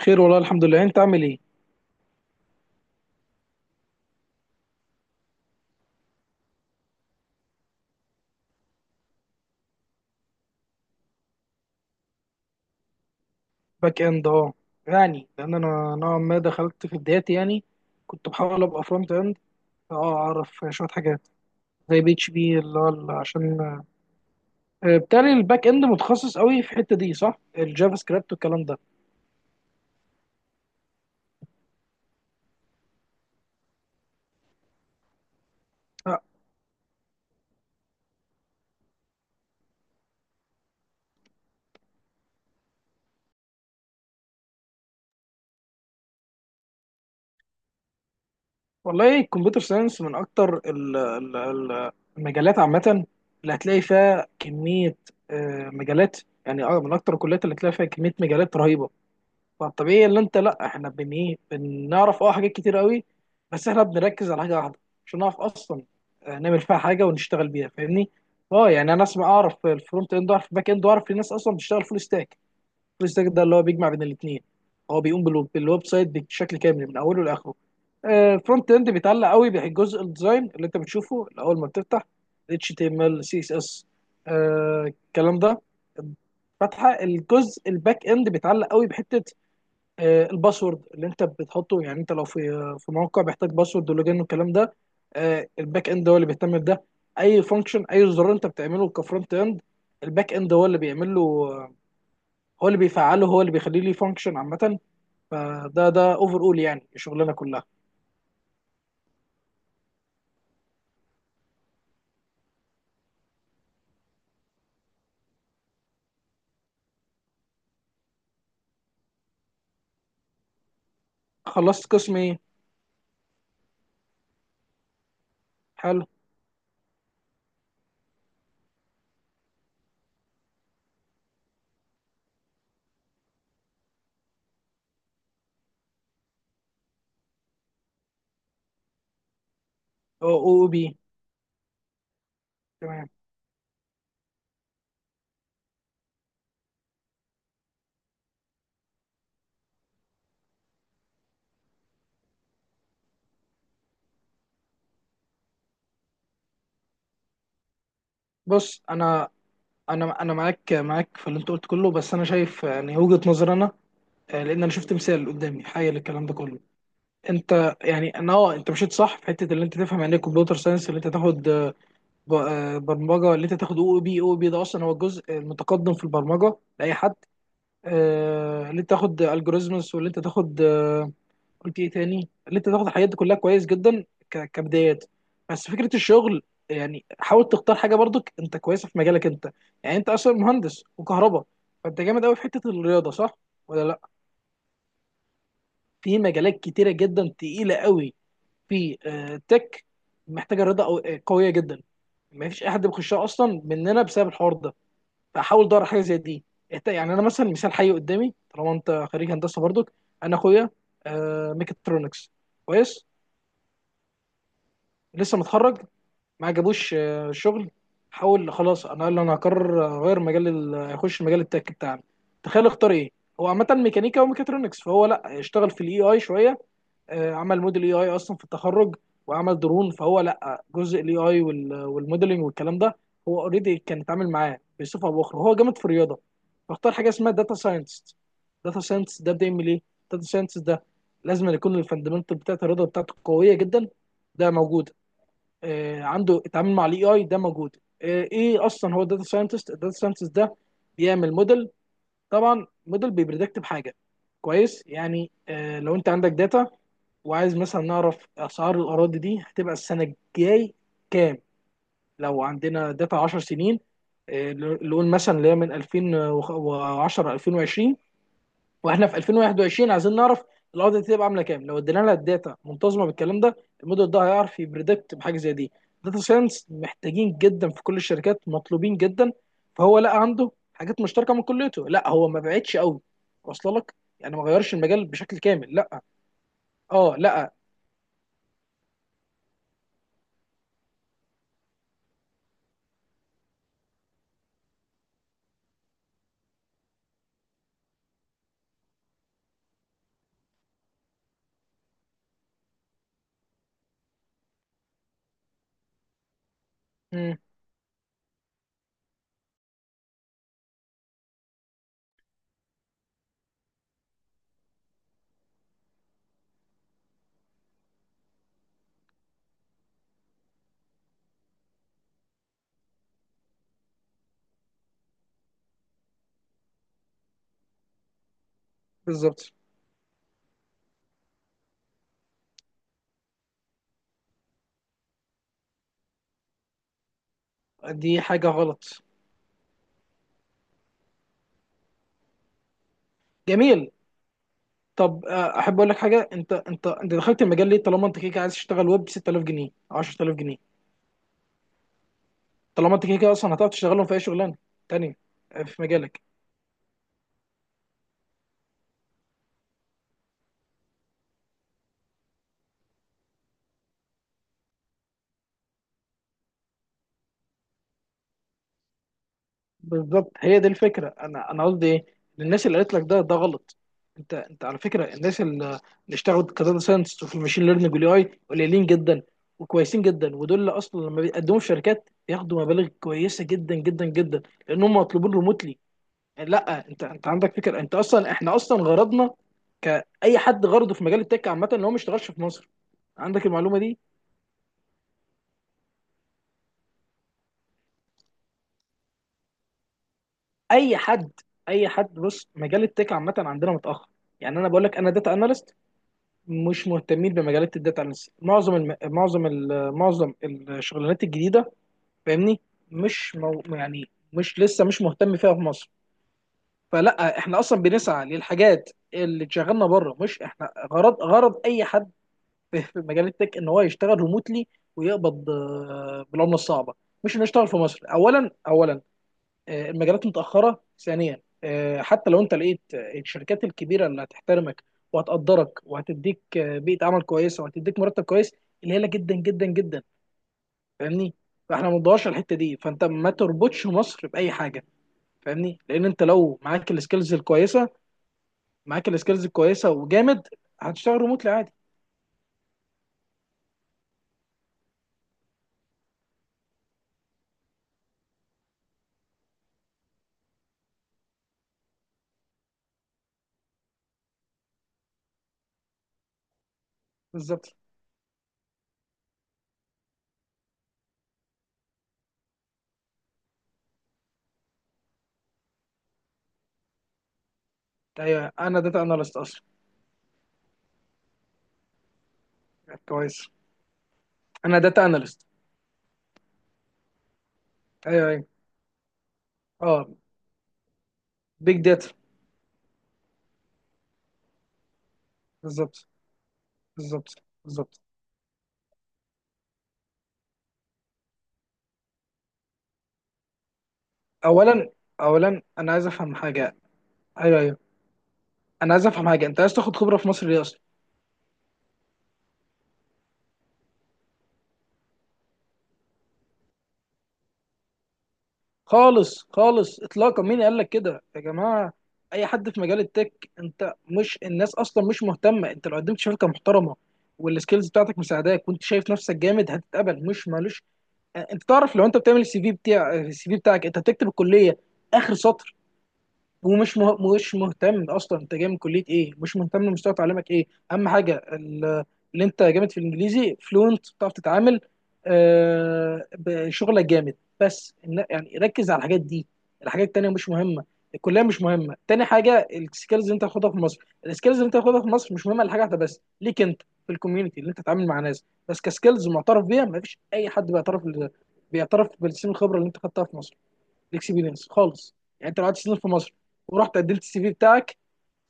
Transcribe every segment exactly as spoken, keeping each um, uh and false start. خير والله، الحمد لله. انت عامل ايه؟ باك اند، اه. يعني لان انا نوعا ما دخلت في بداياتي، يعني كنت بحاول ابقى فرونت اند. اه اعرف شويه حاجات زي بي اتش بي اللي هو ال- عشان آه، بالتالي الباك اند متخصص قوي في الحته دي، صح؟ الجافا سكريبت والكلام ده. آه، والله الكمبيوتر ساينس من اكتر ال- ال- ال- المجالات عامه اللي هتلاقي فيها كميه آه، مجالات. يعني اه من اكتر الكليات اللي هتلاقي فيها كميه مجالات رهيبه. فالطبيعي اللي انت، لا، احنا بن ايه، بنعرف اه حاجات كتير قوي. بس احنا بنركز على حاجه واحده عشان نعرف اصلا آه، نعمل فيها حاجه ونشتغل بيها، فاهمني؟ اه يعني انا اسمع، اعرف الفرونت اند، اعرف الباك اند، واعرف في ناس اصلا بتشتغل فول ستاك. فول ستاك ده اللي هو بيجمع بين الاثنين. هو بيقوم بالو- بالويب سايت بشكل كامل من اوله لاخره. آه، الفرونت اند بيتعلق قوي بجزء الديزاين اللي انت بتشوفه اول ما بتفتح، H T M L C S S آه، الكلام ده. فاتحه الجزء الباك اند بيتعلق قوي بحته آه، الباسورد اللي انت بتحطه. يعني انت لو في في موقع بيحتاج باسورد ولوجين والكلام ده، آه، الباك اند هو اللي بيهتم بده. اي فانكشن، اي زرار انت بتعمله كفرونت اند، الباك اند هو اللي بيعمل له، هو اللي بيفعله، هو اللي بيخليه ليه فانكشن عامه. فده ده اوفر اول يعني الشغلانه كلها. خلصت قسم ايه؟ حلو. او، او بي. تمام. بص انا، انا انا معاك، معاك في اللي انت قلت كله. بس انا شايف، يعني، وجهه نظري انا. آه، لان انا شفت مثال قدامي حي للكلام ده كله. انت، يعني، انا اه انت مشيت صح في حته اللي انت تفهم يعني ايه كمبيوتر ساينس، اللي انت تاخد آه، ب- آه، برمجه، اللي انت تاخد او بي. او بي ده اصلا هو الجزء المتقدم في البرمجه لاي حد. آه، اللي انت تاخد الجوريزمز، واللي انت تاخد آه، قلت ايه تاني، اللي انت تاخد الحاجات دي كلها كويس جدا ك- كبدايات. بس فكره الشغل، يعني حاول تختار حاجه برضك انت كويسه في مجالك انت. يعني انت اصلا مهندس وكهرباء، فانت جامد قوي في حته الرياضه، صح ولا لا؟ في مجالات كتيره جدا تقيله قوي. في آه، تك محتاجه رضا أو- آه، قويه جدا، ما فيش اي حد بيخشها اصلا مننا بسبب الحوار ده. فحاول دور على حاجه زي دي. إنت- يعني انا مثلا مثال حي قدامي، طالما انت خريج هندسه برضك. انا اخويا آه، ميكاترونكس. كويس. لسه متخرج، ما عجبوش آه، شغل. حاول خلاص، انا قال انا هقرر اغير مجال ال- اخش مجال التك بتاعنا. تخيل اختار ايه؟ هو عامه ميكانيكا وميكاترونكس، فهو لا اشتغل في الاي اي شويه، آه، عمل موديل اي اي اصلا في التخرج، وعمل درون. فهو لا جزء الاي اي والموديلنج والكلام ده، هو اوريدي كان اتعامل معاه بصفه او باخرى. هو جامد في الرياضه، فاختار حاجه اسمها داتا ساينتست. داتا ساينتست ده بيعمل ايه؟ داتا ساينتست ده لازم يكون الفاندمنتال بتاعت الرياضه بتاعته قويه جدا. ده موجود. آه، عنده التعامل مع الاي اي، ده موجود. آه، ايه اصلا هو داتا ساينتست؟ الداتا ساينتست ده بيعمل موديل. طبعا موديل بيبريدكت بحاجه. كويس؟ يعني آه، لو انت عندك داتا وعايز مثلا نعرف اسعار الاراضي دي هتبقى السنه الجاي كام، لو عندنا داتا 10 سنين، آه، نقول مثلا اللي هي من ألفين وعشرة ألفين وعشرين، واحنا في ألفين وواحد وعشرين عايزين نعرف الارض دي تبقى عامله كام لو ادينا لها الداتا منتظمه بالكلام ده. الموديل ده هيعرف يبريدكت بحاجه زي دي. داتا ساينس محتاجين جدا في كل الشركات، مطلوبين جدا. فهو لقى عنده حاجات مشتركه من كليته، لا هو ما بعدش قوي واصله لك. يعني ما غيرش المجال بشكل كامل، لا. اه، لا. مم. بالظبط. دي حاجه غلط. جميل. طب آه، احب اقول لك حاجه. انت انت انت دخلت المجال ليه، طالما انت كده كده عايز تشتغل ويب ستة آلاف جنيه عشرة آلاف جنيه؟ طالما انت كده كده اصلا هتعرف تشتغلهم في اي شغلانه تانية آه، في مجالك. بالظبط هي دي الفكره. انا انا قصدي ايه، الناس اللي قالت لك ده ده غلط. انت انت على فكره الناس اللي اللي اشتغلوا كداتا ساينس وفي المشين ليرنينج والاي اي قليلين جدا وكويسين جدا. ودول اللي اصلا لما بيقدموا في شركات بياخدوا مبالغ كويسه جدا جدا جدا، لان هم مطلوبين ريموتلي. لا، انت انت عندك فكره. انت اصلا احنا اصلا غرضنا كاي حد، غرضه في مجال التك عامه ان هو ما يشتغلش في مصر. عندك المعلومه دي؟ اي حد اي حد بص، مجال التك عامه عندنا متاخر. يعني انا بقول لك انا داتا اناليست، مش مهتمين بمجالات الداتا اناليست. معظم الم... معظم ال... معظم الشغلانات الجديده فاهمني. مش مو... يعني مش لسه مش مهتم فيها في مصر. فلا احنا اصلا بنسعى للحاجات اللي شغلنا بره. مش احنا غرض، غرض اي حد في في مجال التك ان هو يشتغل ريموتلي ويقبض آه، بالعمله الصعبه. مش انه يشتغل في مصر. اولا اولا آه، المجالات متاخره. ثانيا آه، حتى لو انت لقيت آه، الشركات الكبيره اللي هتحترمك وهتقدرك وهتديك آه، بيئه عمل كويسه وهتديك مرتب كويس، قليله جدا جدا جدا. فاهمني؟ فاحنا ما ندورش على الحته دي. فانت ما تربطش مصر باي حاجه فاهمني. لان انت لو معاك السكيلز الكويسه معاك السكيلز الكويسه وجامد، هتشتغل ريموتلي عادي. بالظبط. ايوه، انا داتا اناليست اصلا. كويس. انا داتا اناليست. ايوه، ايوه. اه. بيج داتا. بالظبط بالظبط بالظبط. اولا اولا انا عايز افهم حاجه. ايوه، ايوه. انا عايز افهم حاجه. انت عايز تاخد خبره في مصر ليه اصلا؟ خالص خالص اطلاقا. مين قال لك كده يا جماعه؟ اي حد في مجال التك، انت مش الناس اصلا مش مهتمه. انت لو قدمت شركه محترمه والسكيلز بتاعتك مساعداك وانت شايف نفسك جامد هتتقبل، مش مالوش. انت تعرف لو انت بتعمل السي في، بتاع السي في بتاعك انت بتكتب الكليه اخر سطر، ومش مه... مش مهتم اصلا انت جاي من كليه ايه. مش مهتم مستوى تعليمك ايه. اهم حاجه ال- اللي انت جامد في الانجليزي، فلوينت، بتعرف تتعامل آه... بشغلك جامد. بس إن- يعني ركز على الحاجات دي. الحاجات التانيه مش مهمه. الكليه مش مهمه. تاني حاجه، السكيلز اللي انت هتاخدها في مصر، السكيلز اللي انت هتاخدها في مصر مش مهمه لحاجه واحده بس ليك انت في الكوميونتي اللي انت تتعامل مع ناس بس كسكيلز معترف بيها. ما فيش اي حد بيعترف بيعترف بالسن الخبره اللي انت خدتها في مصر. الاكسبيرينس خالص. يعني انت لو قعدت سنين في مصر ورحت قدمت السي في بتاعك،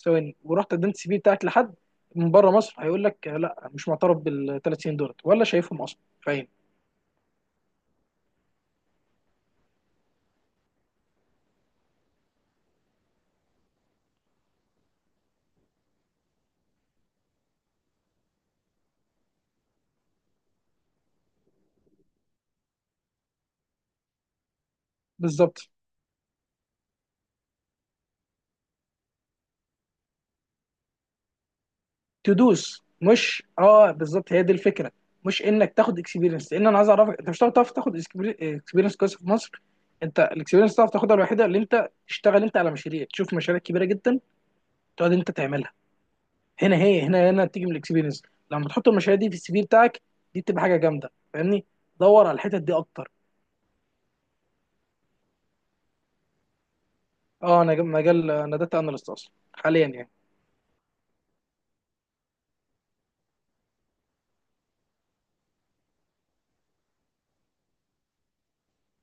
ثواني، ورحت قدمت السي في بتاعك لحد من بره مصر، هيقول لك آه، لا، مش معترف بالثلاث سنين دولت ولا شايفهم اصلا. فاهم؟ بالظبط. تدوس، مش اه، بالظبط هي دي الفكره. مش انك تاخد اكسبيرينس. لان انا عايز اعرفك، انت مش هتعرف تعرف تاخد اكسبيرينس كويسه في مصر. انت الاكسبيرينس تعرف تاخدها الوحيده اللي انت تشتغل انت على مشاريع، تشوف مشاريع كبيره جدا تقعد انت تعملها. هنا هي، هنا هنا بتيجي من الاكسبيرينس. لما تحط المشاريع دي في السي في بتاعك، دي بتبقى حاجه جامده فاهمني. دور على الحتت دي اكتر. اه، انا جم- مجال انا داتا اناليست اصلا حاليا يعني.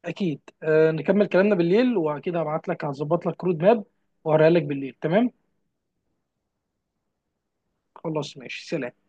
اكيد. آه، نكمل كلامنا بالليل، واكيد هبعت لك، هظبط لك رود ماب وهوريها لك بالليل. تمام؟ خلاص ماشي، سلام.